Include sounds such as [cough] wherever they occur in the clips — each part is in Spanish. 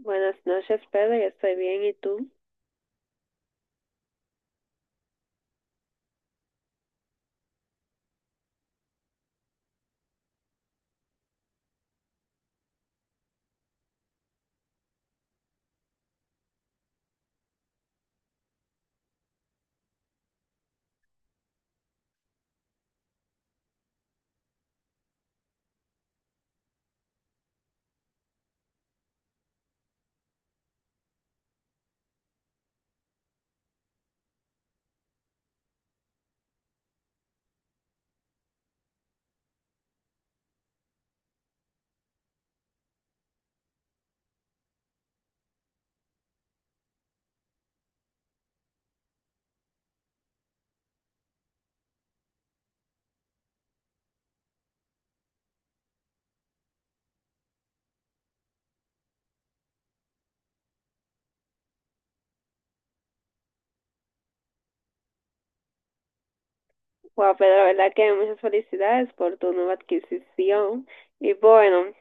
Buenas noches, Pedro. Yo estoy bien. ¿Y tú? Wow, Pedro, la verdad que muchas felicidades por tu nueva adquisición. Y bueno,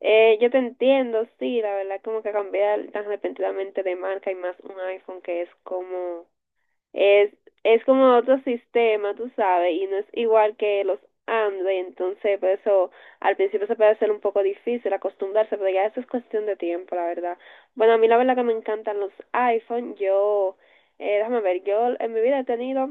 yo te entiendo, sí, la verdad como que cambiar tan repentinamente de marca y más un iPhone que es como. Es, es como otro sistema, tú sabes, y no es igual que los Android, entonces por eso al principio se puede hacer un poco difícil acostumbrarse, pero ya eso es cuestión de tiempo, la verdad. Bueno, a mí la verdad que me encantan los iPhone, yo, déjame ver, yo en mi vida he tenido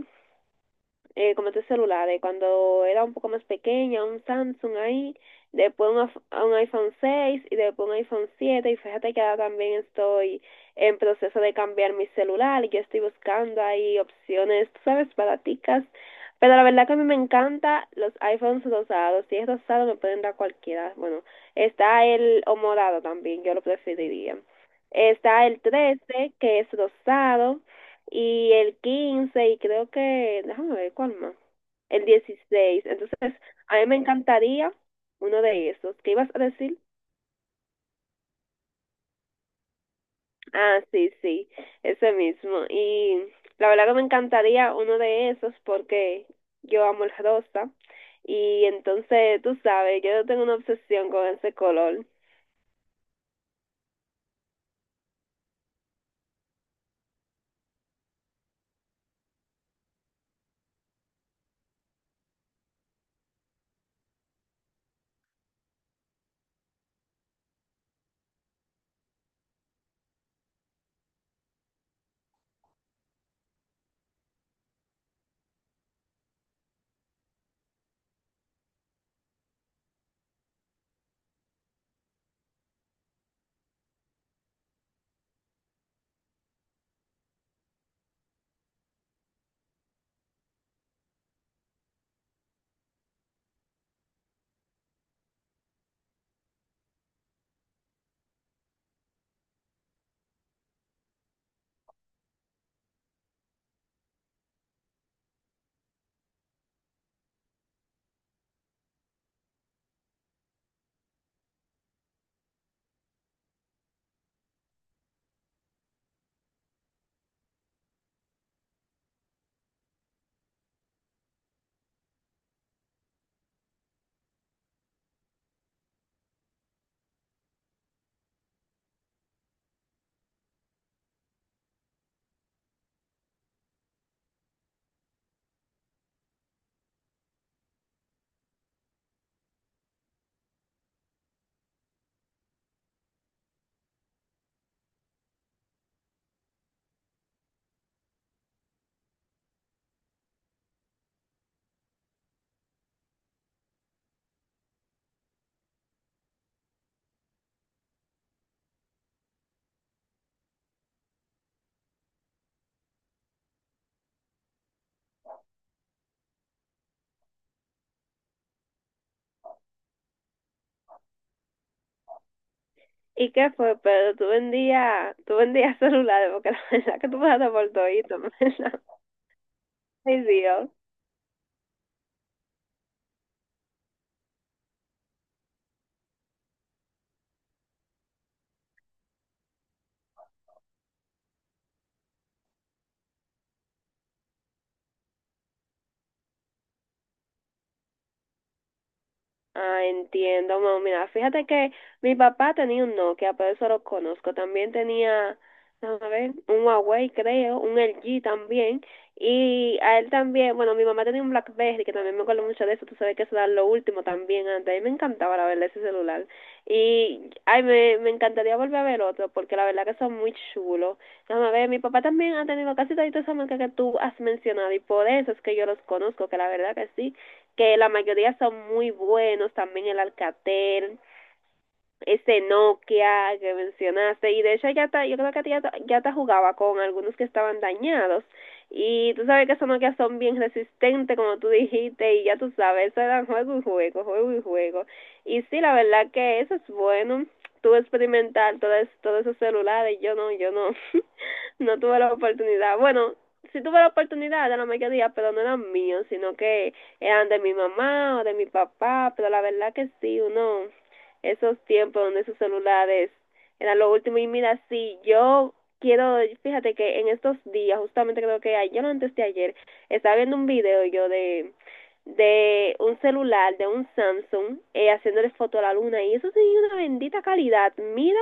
como tres celulares. Cuando era un poco más pequeña, un Samsung ahí, después un iPhone 6 y después un iPhone 7. Y fíjate que ahora también estoy en proceso de cambiar mi celular y yo estoy buscando ahí opciones, tú sabes, baraticas. Pero la verdad que a mí me encanta los iPhones rosados. Si es rosado, me pueden dar cualquiera. Bueno, está el o morado también, yo lo preferiría. Está el 13 que es rosado y el 15 y creo que, déjame ver cuál más, el 16. Entonces, a mí me encantaría uno de esos. ¿Qué ibas a decir? Ah, sí, sí, ese mismo. Y la verdad que me encantaría uno de esos porque yo amo el rosa y entonces, tú sabes, yo tengo una obsesión con ese color. ¿Y qué fue, Pedro? Tú vendías [laughs] celulares porque la verdad que tú me has por todito, ¿verdad? [laughs] Ay, Dios. Ah, entiendo, mamá. Mira, fíjate que mi papá tenía un Nokia, por eso lo conozco. También tenía, a ver, un Huawei, creo, un LG también. Y a él también, bueno, mi mamá tenía un BlackBerry, que también me acuerdo mucho de eso. Tú sabes que eso era lo último también antes. A mí me encantaba, la verdad, ese celular. Y, ay, me encantaría volver a ver otro, porque la verdad que son muy chulos. Déjame ver, mi papá también ha tenido casi todas esas marcas que tú has mencionado, y por eso es que yo los conozco, que la verdad que sí, que la mayoría son muy buenos, también el Alcatel, este Nokia que mencionaste. Y de hecho ya yo creo que ya, ya te jugaba con algunos que estaban dañados, y tú sabes que esos Nokia son bien resistentes como tú dijiste, y ya tú sabes, eso era juego y juego, juego y juego, y sí, la verdad que eso es bueno. Tuve experimentar todos esos celulares. Yo no [laughs] no tuve la oportunidad. Bueno, sí tuve la oportunidad de la mayoría, pero no eran míos, sino que eran de mi mamá o de mi papá, pero la verdad que sí, uno esos tiempos donde esos celulares eran lo último. Y mira, sí, yo quiero, fíjate que en estos días, justamente creo que ayer, no, antes de ayer, estaba viendo un video yo de un celular, de un Samsung, haciéndole foto a la luna y eso tenía una bendita calidad, mira,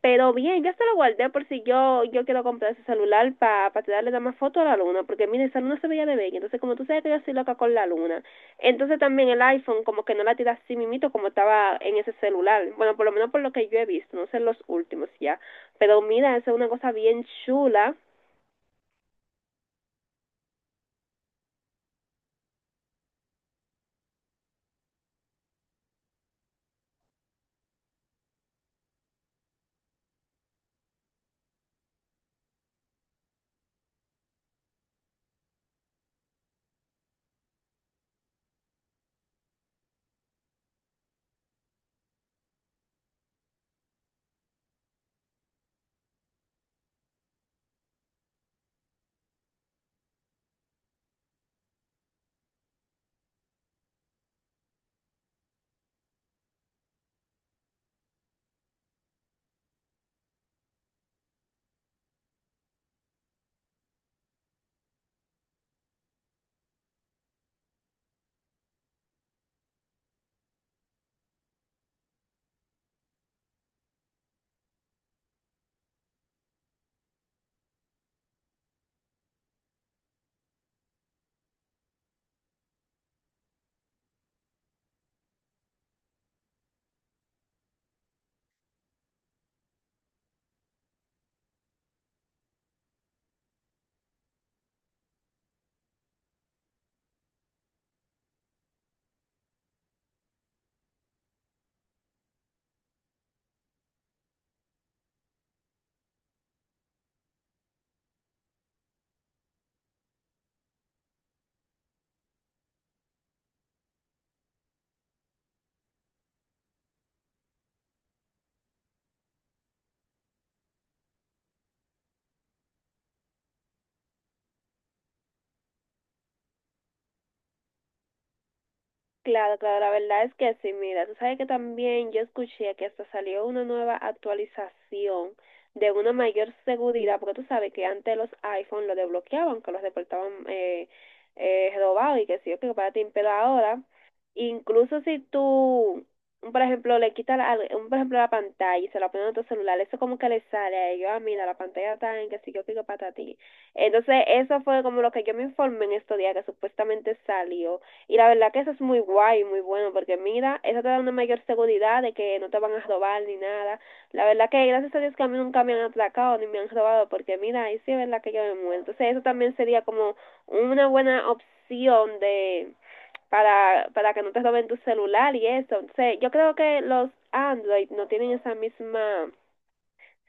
pero bien, ya se lo guardé por si yo quiero comprar ese celular para pa tirarle más foto a la luna, porque mira, esa luna se veía de bella, entonces como tú sabes que yo soy loca con la luna, entonces también el iPhone como que no la tira así mimito como estaba en ese celular. Bueno, por lo menos por lo que yo he visto, no sé los últimos ya. Pero mira, esa es una cosa bien chula. Claro, claro, la verdad es que sí, mira, tú sabes que también yo escuché que hasta salió una nueva actualización de una mayor seguridad, porque tú sabes que antes los iPhone los desbloqueaban, que los reportaban robados y que sí, que para ti, pero ahora, incluso si tú, por ejemplo, le quitas, por ejemplo, la pantalla y se la ponen a tu celular, eso como que le sale a ellos, ah, mira, la pantalla está en que sí, yo pico para ti. Entonces, eso fue como lo que yo me informé en estos días, que supuestamente salió. Y la verdad que eso es muy guay, muy bueno, porque mira, eso te da una mayor seguridad de que no te van a robar ni nada. La verdad que gracias a Dios que a mí nunca me han atracado ni me han robado, porque mira, ahí sí es verdad que yo me muero. Entonces eso también sería como una buena opción de para que no te roben tu celular y eso. Entonces yo creo que los Android no tienen esa misma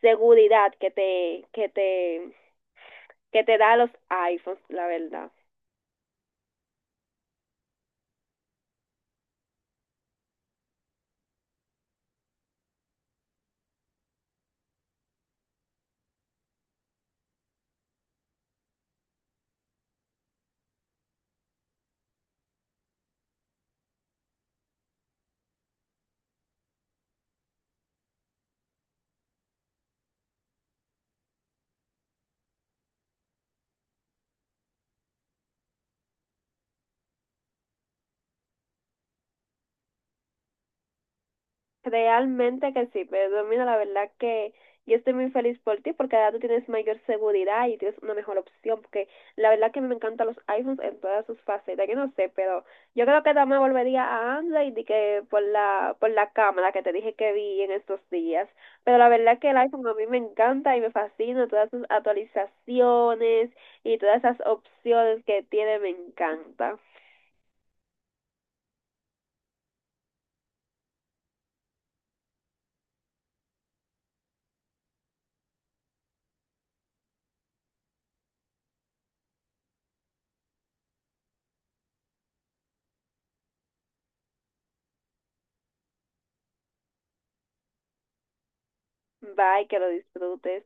seguridad que te da los iPhones, la verdad. Realmente que sí, pero mira, la verdad que yo estoy muy feliz por ti porque ahora tú tienes mayor seguridad y tienes una mejor opción porque la verdad que me encantan los iPhones en todas sus facetas, yo no sé, pero yo creo que también volvería a Android y que por la cámara que te dije que vi en estos días, pero la verdad que el iPhone a mí me encanta y me fascina, todas sus actualizaciones y todas esas opciones que tiene me encanta. Bye, que lo disfrutes.